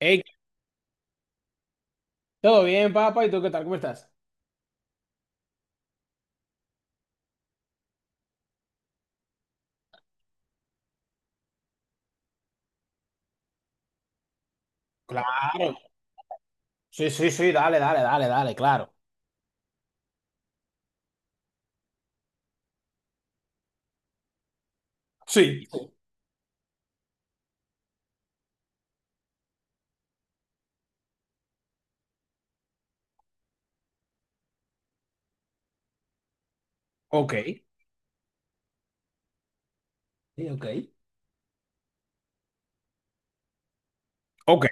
Hey, ¿todo bien, papá? ¿Y tú qué tal? ¿Cómo estás? Claro. Sí, sí, sí, dale, dale, dale, dale, claro. Sí, ok. Sí, ok. Ok.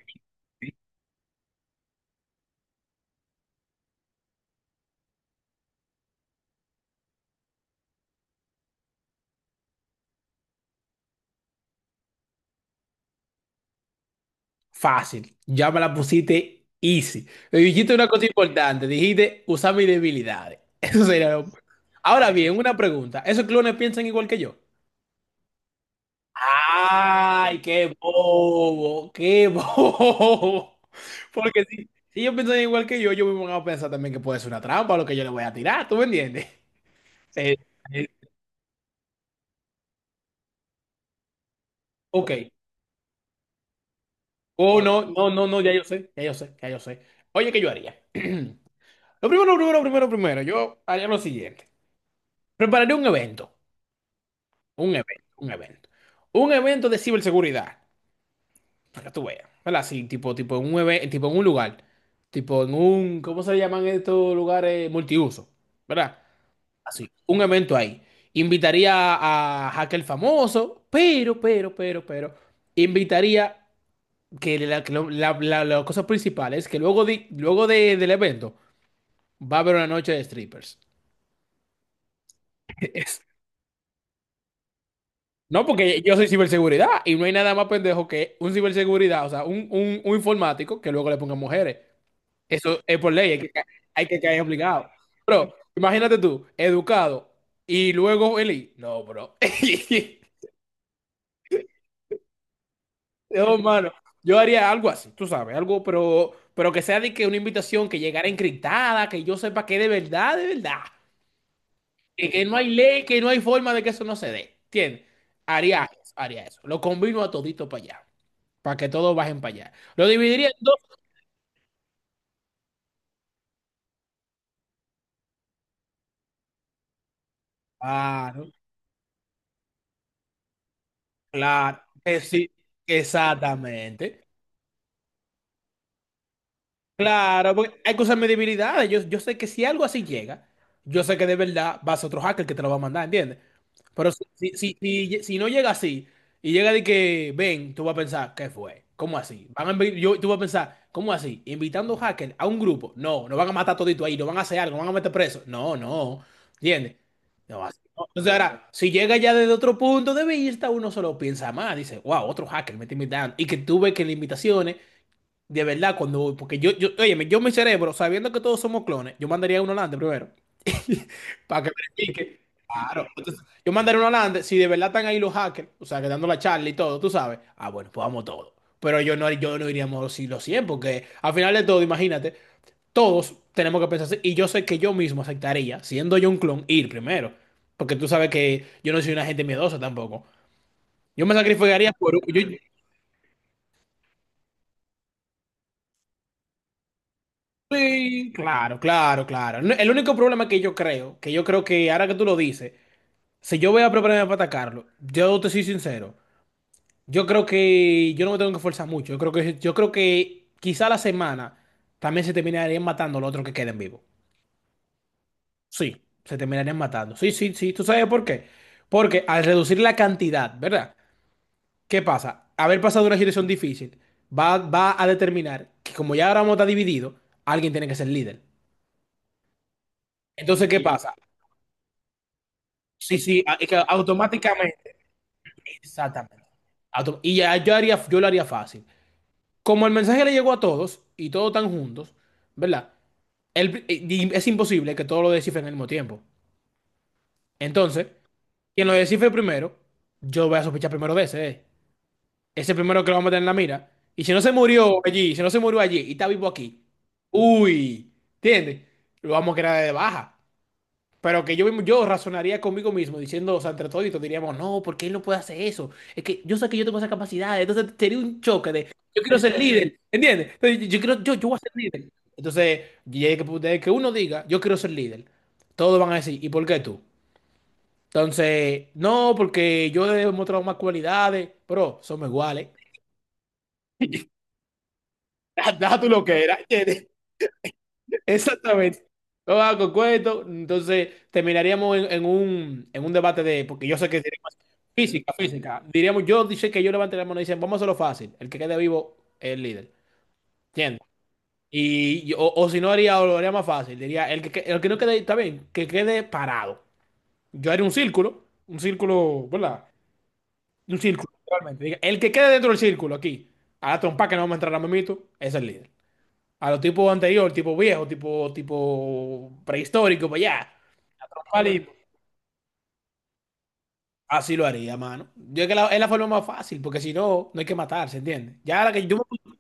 Fácil. Ya me la pusiste easy. Me dijiste una cosa importante. Dijiste usar mis debilidades. Eso sería lo. Ahora bien, una pregunta. ¿Esos clones piensan igual que yo? ¡Ay, qué bobo! ¡Qué bobo! Porque si ellos piensan igual que yo me voy a pensar también que puede ser una trampa lo que yo le voy a tirar. ¿Tú me entiendes? Eh, eh, ok. Oh, no, no, no, no, ya yo sé, ya yo sé, ya yo sé. Oye, ¿qué yo haría? Lo primero, lo primero, lo primero, primero, yo haría lo siguiente. Prepararé un evento, un evento, un evento. Un evento de ciberseguridad, para que tú veas, ¿verdad? Así, tipo, tipo en un lugar, tipo en un, ¿cómo se llaman estos lugares? Multiuso, ¿verdad? Así, un evento ahí. Invitaría a hacker famoso, pero, invitaría que la, que lo- la- la- la cosa principal es que luego del evento va a haber una noche de strippers. Es- No, porque yo soy ciberseguridad y no hay nada más pendejo que un ciberseguridad, o sea, un informático que luego le ponga mujeres. Eso es por ley, hay que caer obligado. Pero imagínate tú, educado y luego Eli. No, bro. No, mano. Yo haría algo así, tú sabes, algo, pero que sea de que una invitación que llegara encriptada, que yo sepa que de verdad, de verdad. Que no hay ley, que no hay forma de que eso no se dé. ¿Entiendes? Haría eso, haría eso. Lo combino a todito para allá, para que todos bajen para allá. Lo dividiría en dos. Claro, claro, que sí, exactamente. Claro, porque hay que usar mis debilidades. Yo sé que si algo así llega, yo sé que de verdad va a ser otro hacker que te lo va a mandar, ¿entiendes? Pero si no llega así y llega de que ven, tú vas a pensar, ¿qué fue? ¿Cómo así? Van a invi- yo, Tú vas a pensar, ¿cómo así? Invitando hackers a un grupo. No, no van a matar todito ahí, no van a hacer algo, no van a meter preso. No, no. ¿Entiendes? No, así no. Entonces ahora, si llega ya desde otro punto de vista, uno solo piensa más, dice, wow, otro hacker me está invitando. Y que tú ves que las invitaciones, de verdad, cuando, porque óyeme, yo mi cerebro, sabiendo que todos somos clones, yo mandaría uno adelante primero. Para que verifique. Claro. Entonces, yo mandaré una Holanda. Si de verdad están ahí los hackers, o sea, que dando la charla y todo, tú sabes. Ah, bueno, pues vamos todos. Pero yo no, iríamos si los 100, porque al final de todo, imagínate, todos tenemos que pensar así. Y yo sé que yo mismo aceptaría, siendo yo un clon, ir primero. Porque tú sabes que yo no soy una gente miedosa tampoco. Yo me sacrificaría por, yo, sí, claro, claro, claro. No. El único problema que yo creo, que yo creo que ahora que tú lo dices, si yo voy a prepararme para atacarlo, yo te soy sincero. Yo creo que yo no me tengo que esforzar mucho. Yo creo que quizá la semana también se terminarían matando los otros que queden vivos. Sí, se terminarían matando. Sí, sí, sí. ¿Tú sabes por qué? Porque al reducir la cantidad, ¿verdad? ¿Qué pasa? Haber pasado una situación difícil va a determinar que, como ya ahora vamos a estar divididos, alguien tiene que ser líder. Entonces, ¿qué, sí, pasa? Sí, sí, es que automáticamente. Exactamente. Y ya yo lo haría fácil, como el mensaje le llegó a todos y todos están juntos, ¿verdad? Y es imposible que todos lo descifren al mismo tiempo. Entonces, quien lo descifre primero, yo voy a sospechar primero de ese. Ese primero que lo vamos a tener en la mira. Y si no se murió allí, si no se murió allí y está vivo aquí, uy, ¿entiendes? Lo vamos a quedar de baja. Pero que yo, yo razonaría conmigo mismo diciendo, o sea, entre toditos diríamos, no, ¿por qué él no puede hacer eso? Es que yo sé que yo tengo esa capacidad, entonces sería un choque de, yo quiero ser líder, ¿entiendes? Entonces, yo voy a ser líder. Entonces, y es que, desde que uno diga, yo quiero ser líder, todos van a decir, ¿y por qué tú? Entonces, no, porque yo he demostrado más cualidades, pero somos iguales. Da tú lo que era. Exactamente. No va con cuento. Entonces, terminaríamos en un debate de. Porque yo sé que sería más física, física. Diríamos, yo dice que yo levanté la mano y dicen, vamos a hacerlo fácil. El que quede vivo es el líder. ¿Entiendes? O si no haría, o lo haría más fácil. Diría, el que no quede, está bien, que quede parado. Yo haría un círculo. Un círculo, ¿verdad? Un círculo, realmente. Diga, el que quede dentro del círculo aquí, a la trompa que no vamos a entrar a mamito, es el líder. A los tipos anteriores, tipo viejo, tipo, tipo prehistórico, pues ya. Vale, así lo haría, mano. Yo creo que es la forma más fácil, porque si no, no hay que matarse, ¿entiendes? Ya ahora que yo,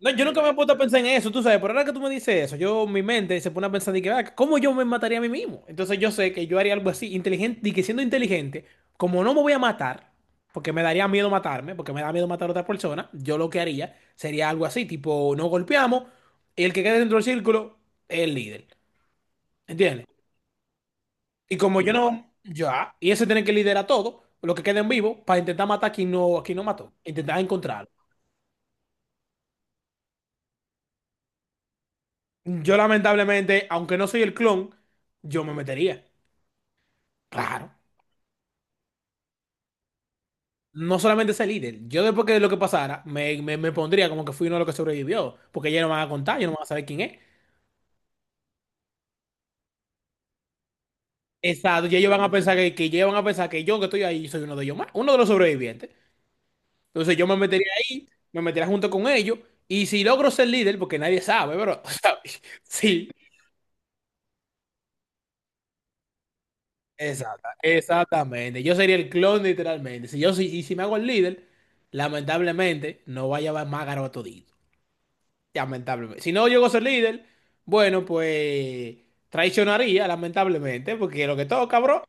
no, yo nunca me he puesto a pensar en eso, tú sabes, pero ahora que tú me dices eso, yo, mi mente se pone a pensar de que, ah, ¿cómo yo me mataría a mí mismo? Entonces yo sé que yo haría algo así, inteligente, y que siendo inteligente, como no me voy a matar, porque me daría miedo matarme, porque me da miedo matar a otra persona, yo lo que haría sería algo así, tipo, no golpeamos, y el que quede dentro del círculo es el líder. ¿Entiendes? Y como yo no, ya, y ese tiene que liderar todo, lo que queda en vivo, para intentar matar a quien no mató, intentar encontrarlo. Yo lamentablemente, aunque no soy el clon, yo me metería. Claro. No solamente ese líder, yo después que lo que pasara, me pondría como que fui uno de los que sobrevivió, porque ya no van a contar, ya no van a saber quién es. Exacto, y ellos van a pensar que, ellos van a pensar que yo que estoy ahí soy uno de ellos más, uno de los sobrevivientes. Entonces yo me metería ahí, me metería junto con ellos, y si logro ser líder, porque nadie sabe, bro, ¿sabes? Sí. Exactamente. Yo sería el clon literalmente. Si yo soy, y si me hago el líder, lamentablemente no va a llevar más garoto todito. Lamentablemente. Si no llego a ser líder, bueno, pues traicionaría, lamentablemente, porque lo que todo, cabrón,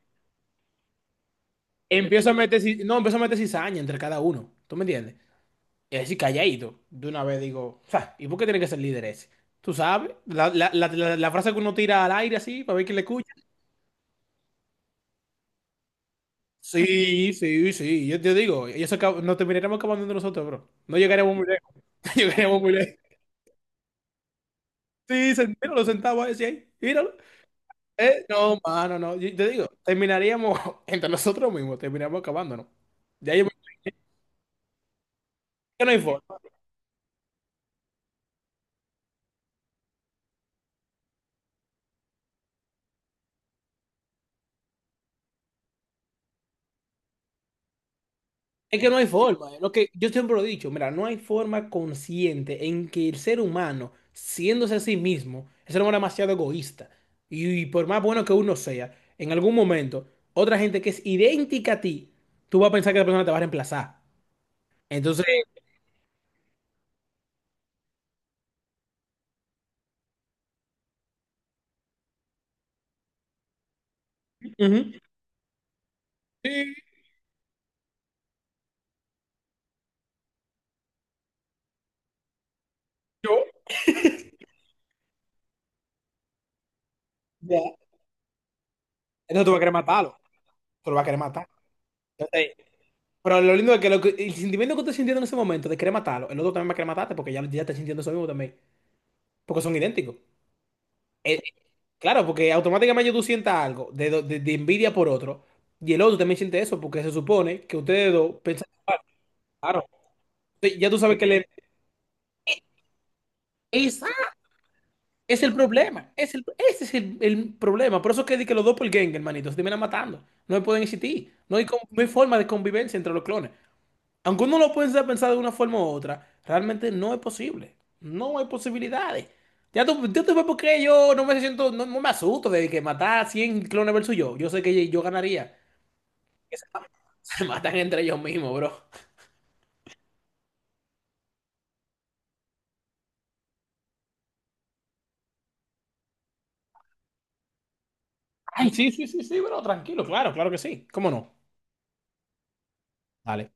empiezo a meter, no, empiezo a meter cizaña entre cada uno. ¿Tú me entiendes? Y así calladito. De una vez digo, "Fa, ¿y por qué tiene que ser líder ese? Tú sabes, la frase que uno tira al aire así, para ver quién le escucha". Sí, sí, sí. Yo te digo, y eso nos terminaremos acabando entre nosotros, bro. No llegaríamos muy lejos. No llegaremos muy lejos. Sí, míralo sentado ahí, sí, ahí, míralo. No, mano, no. Yo te digo, terminaríamos entre nosotros mismos, terminaríamos acabándonos. Ya yo, que no hay forma. Es que no hay forma. Lo que yo siempre lo he dicho, mira, no hay forma consciente en que el ser humano, siéndose a sí mismo, el ser humano es demasiado egoísta. Y por más bueno que uno sea, en algún momento, otra gente que es idéntica a ti, tú vas a pensar que la persona te va a reemplazar. Entonces, ujú, sí, yo. Ya. Entonces tú vas a querer matarlo. Tú lo vas a querer matar. Entonces, pero lo lindo es que, el sentimiento que tú estás sintiendo en ese momento de querer matarlo, el otro también va a querer matarte porque ya, ya está sintiendo eso mismo también. Porque son idénticos. Eh, claro, porque automáticamente tú sientas algo de, de envidia por otro, y el otro también siente eso, porque se supone que ustedes dos piensan igual. Claro. Entonces, ya tú sabes que le. Esa es el problema, ese es el problema. Por eso es que di que los dos por doppelgangers, hermanito, se terminan matando. No pueden existir, no hay, no hay forma de convivencia entre los clones. Aunque uno lo pueda pensar de una forma u otra, realmente no es posible. No hay posibilidades. Ya tú ves por qué yo no me siento, no, no me asusto de que matar 100 clones versus yo. Yo sé que yo ganaría. Que Se se matan entre ellos mismos, bro. Ay, sí, sí, sí, sí, bro, tranquilo, claro, claro que sí. ¿Cómo no? Dale.